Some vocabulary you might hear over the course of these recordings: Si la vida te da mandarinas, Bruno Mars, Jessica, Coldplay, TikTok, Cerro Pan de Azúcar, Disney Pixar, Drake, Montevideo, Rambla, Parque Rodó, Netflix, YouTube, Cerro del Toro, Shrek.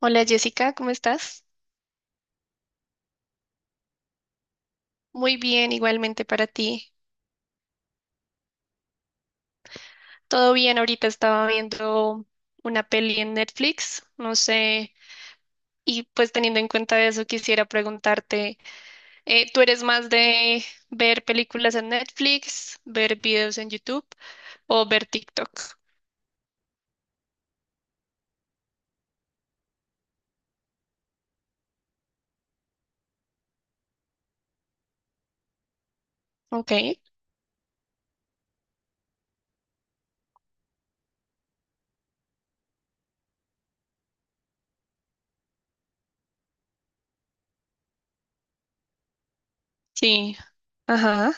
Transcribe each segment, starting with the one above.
Hola Jessica, ¿cómo estás? Muy bien, igualmente para ti. Todo bien, ahorita estaba viendo una peli en Netflix, no sé, y pues teniendo en cuenta eso quisiera preguntarte, ¿tú eres más de ver películas en Netflix, ver videos en YouTube o ver TikTok? Ok, sí, ajá.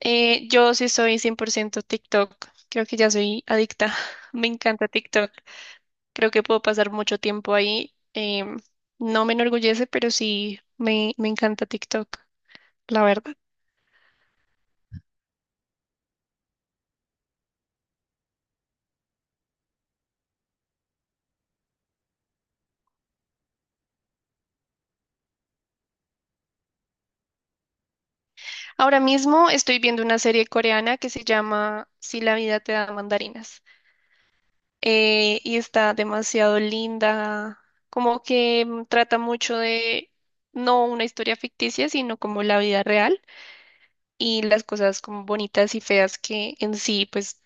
Yo sí soy 100% TikTok, creo que ya soy adicta, me encanta TikTok. Creo que puedo pasar mucho tiempo ahí. No me enorgullece, pero sí me encanta TikTok, la verdad. Ahora mismo estoy viendo una serie coreana que se llama Si la vida te da mandarinas. Y está demasiado linda, como que trata mucho de no una historia ficticia, sino como la vida real. Y las cosas como bonitas y feas que en sí pues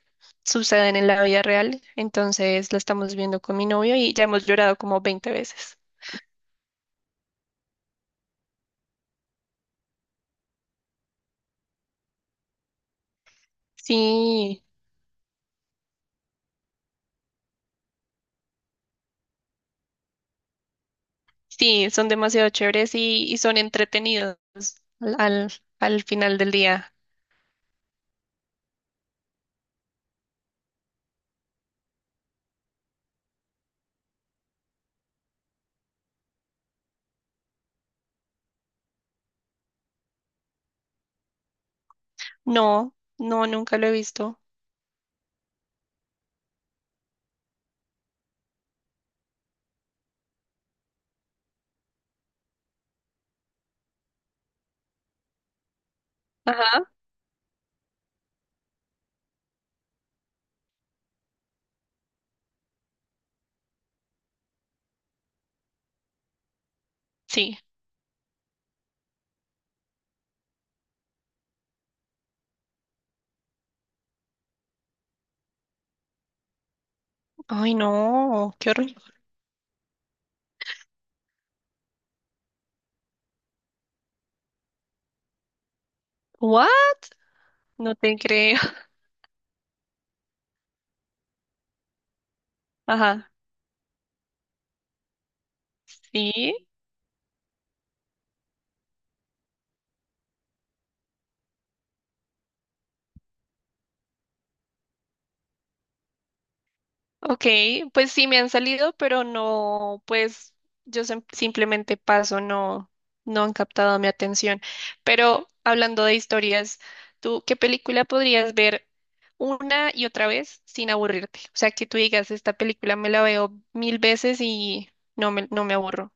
suceden en la vida real. Entonces la estamos viendo con mi novio y ya hemos llorado como veinte veces. Sí, sí, son demasiado chéveres y son entretenidos al, al, al final del día. No, no, nunca lo he visto. Ajá. Sí. Ay, no, qué horrible. ¿What? No te creo. Ajá. Sí. Ok, pues sí me han salido, pero no, pues yo simplemente paso, no, no han captado mi atención. Pero hablando de historias, ¿tú qué película podrías ver una y otra vez sin aburrirte? O sea, que tú digas, esta película me la veo mil veces y no me aburro.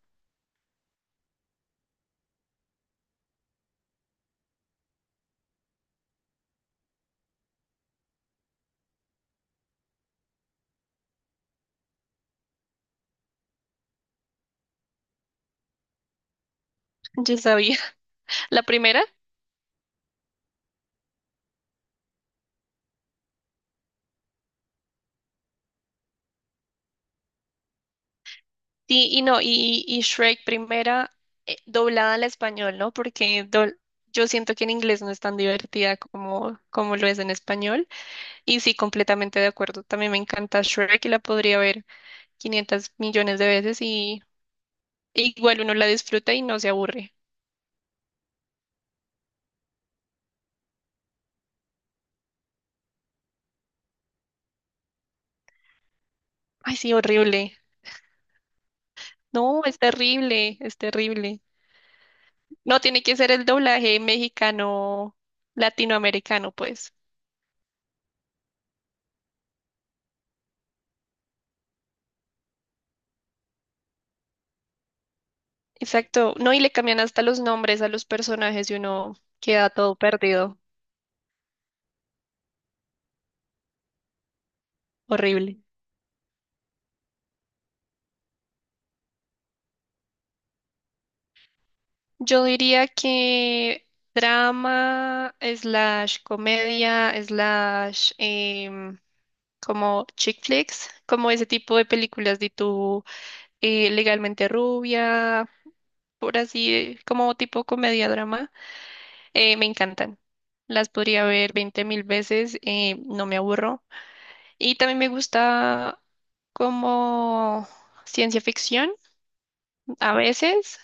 Yo sabía. La primera, sí, y no, y Shrek primera, doblada al español, ¿no? Yo siento que en inglés no es tan divertida como, como lo es en español. Y sí, completamente de acuerdo. También me encanta Shrek y la podría ver 500 millones de veces y igual uno la disfruta y no se aburre. Ay, sí, horrible. No, es terrible, es terrible. No, tiene que ser el doblaje mexicano, latinoamericano, pues. Exacto. No, y le cambian hasta los nombres a los personajes y uno queda todo perdido. Horrible. Yo diría que drama, slash comedia, slash... como chick flicks, como ese tipo de películas de tu legalmente rubia, por así, como tipo comedia drama, me encantan. Las podría ver 20 mil veces, no me aburro. Y también me gusta como ciencia ficción, a veces,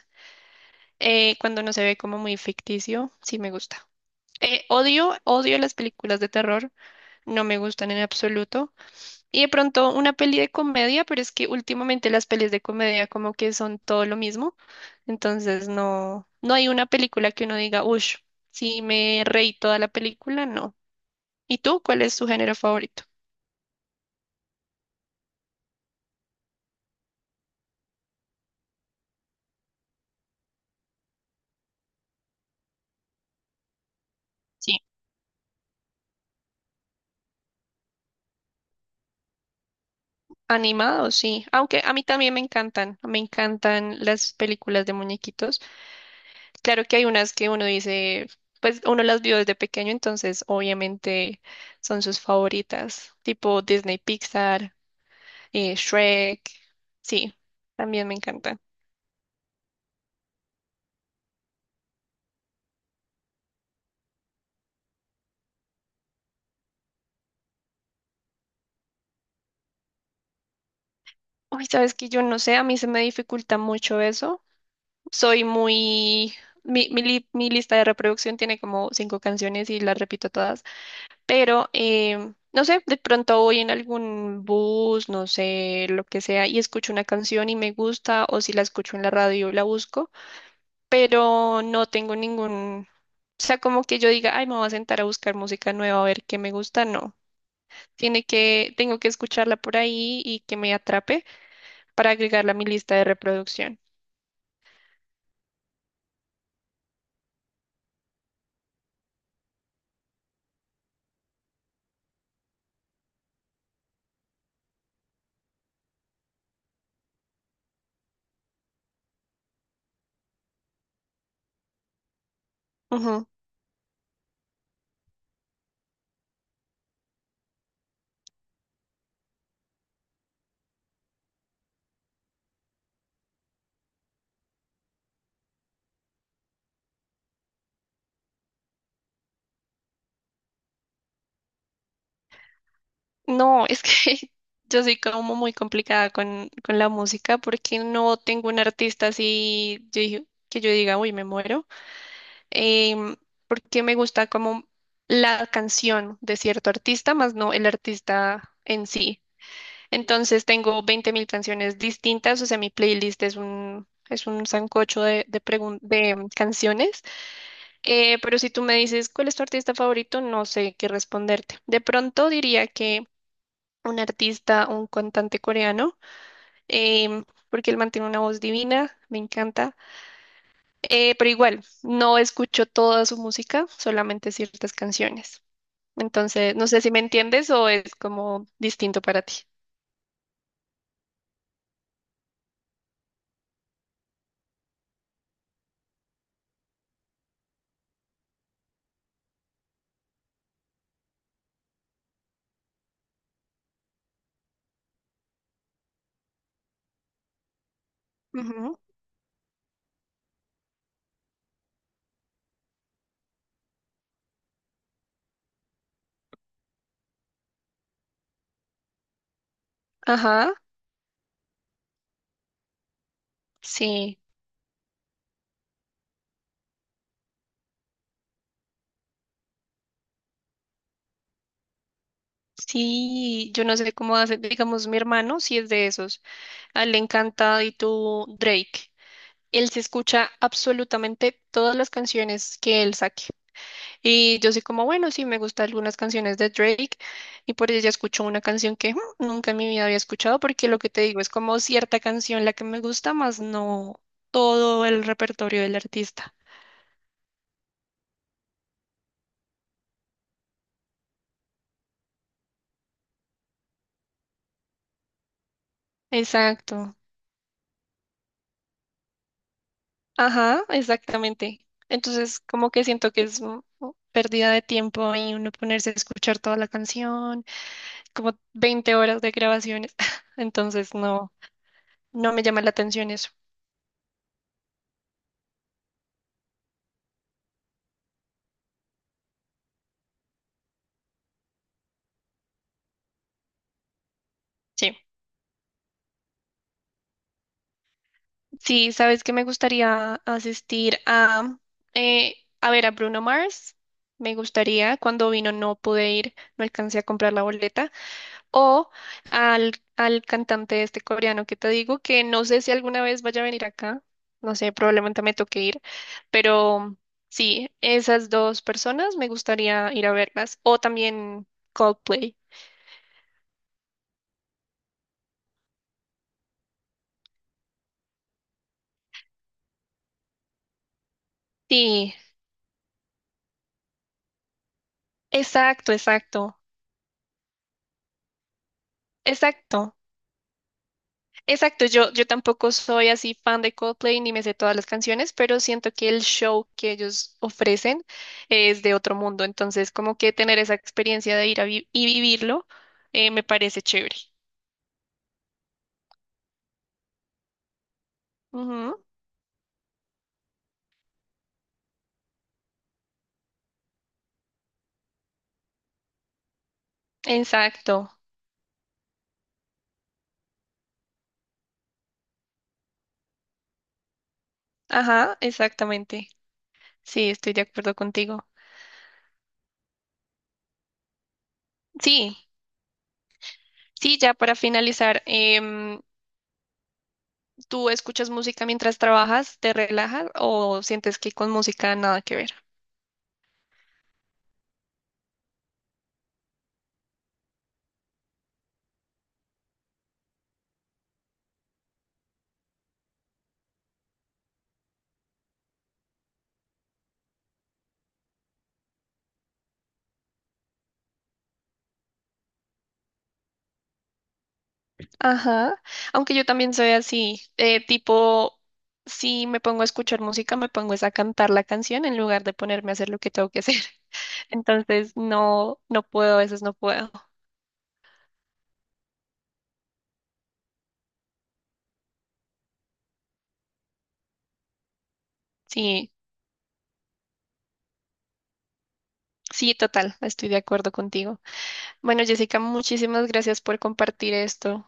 cuando no se ve como muy ficticio, sí me gusta. Odio las películas de terror, no me gustan en absoluto. Y de pronto una peli de comedia, pero es que últimamente las pelis de comedia como que son todo lo mismo. Entonces no, no hay una película que uno diga, uff, si me reí toda la película, no. ¿Y tú cuál es tu género favorito? Sí. Animado, sí. Aunque a mí también me encantan las películas de muñequitos. Claro que hay unas que uno dice, pues uno las vio desde pequeño, entonces obviamente son sus favoritas, tipo Disney Pixar, Shrek, sí, también me encantan. Uy, sabes que yo no sé, a mí se me dificulta mucho eso. Soy muy... Mi lista de reproducción tiene como cinco canciones y las repito todas, pero no sé, de pronto voy en algún bus, no sé, lo que sea, y escucho una canción y me gusta, o si la escucho en la radio la busco, pero no tengo ningún... O sea, como que yo diga, ay, me voy a sentar a buscar música nueva a ver qué me gusta, no. Tengo que escucharla por ahí y que me atrape para agregarla a mi lista de reproducción. Ujú. No, es que yo soy como muy complicada con la música porque no tengo un artista que yo diga, uy, me muero. Em, Porque me gusta como la canción de cierto artista, más no el artista en sí. Entonces tengo 20.000 canciones distintas, o sea, mi playlist es un sancocho de canciones. Pero si tú me dices cuál es tu artista favorito, no sé qué responderte. De pronto diría que un artista, un cantante coreano, em, porque él mantiene una voz divina, me encanta. Pero igual, no escucho toda su música, solamente ciertas canciones. Entonces, no sé si me entiendes o es como distinto para ti. Ujú. Ajá, sí, sí, yo no sé cómo hace, digamos, mi hermano sí es de esos, a él le encanta y tú Drake, él se escucha absolutamente todas las canciones que él saque. Y yo soy como, bueno, sí, me gustan algunas canciones de Drake y por ella escucho una canción que "Hmm, nunca en mi vida había escuchado", porque lo que te digo es como cierta canción la que me gusta, más no todo el repertorio del artista. Exacto. Ajá, exactamente. Entonces, como que siento que es pérdida de tiempo y uno ponerse a escuchar toda la canción, como 20 horas de grabaciones. Entonces, no, no me llama la atención eso. Sí. Sí, sabes que me gustaría asistir eh, a ver a Bruno Mars. Me gustaría, cuando vino no pude ir, no alcancé a comprar la boleta. O al, al cantante este coreano que te digo, que no sé si alguna vez vaya a venir acá. No sé, probablemente me toque ir. Pero sí, esas dos personas me gustaría ir a verlas. O también Coldplay. Sí, exacto, exacto, exacto. Exacto, yo tampoco soy así fan de Coldplay ni me sé todas las canciones, pero siento que el show que ellos ofrecen es de otro mundo, entonces como que tener esa experiencia de ir a vivirlo, me parece chévere. Ujú. Exacto, ajá, exactamente. Sí, estoy de acuerdo contigo. Sí, sí, ya para finalizar, ¿tú escuchas música mientras trabajas, te relajas o sientes que con música nada que ver? Ajá, aunque yo también soy así, tipo, si me pongo a escuchar música, me pongo es a cantar la canción en lugar de ponerme a hacer lo que tengo que hacer. Entonces, no, no puedo, a veces no puedo. Sí, sí, total, estoy de acuerdo contigo. Bueno, Jessica, muchísimas gracias por compartir esto.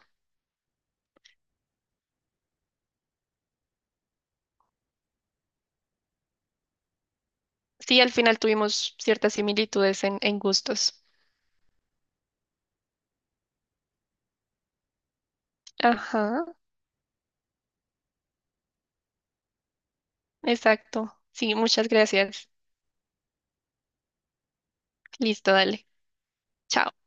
Sí, al final tuvimos ciertas similitudes en gustos. Ajá, exacto. Sí, muchas gracias. Listo, dale. Chao.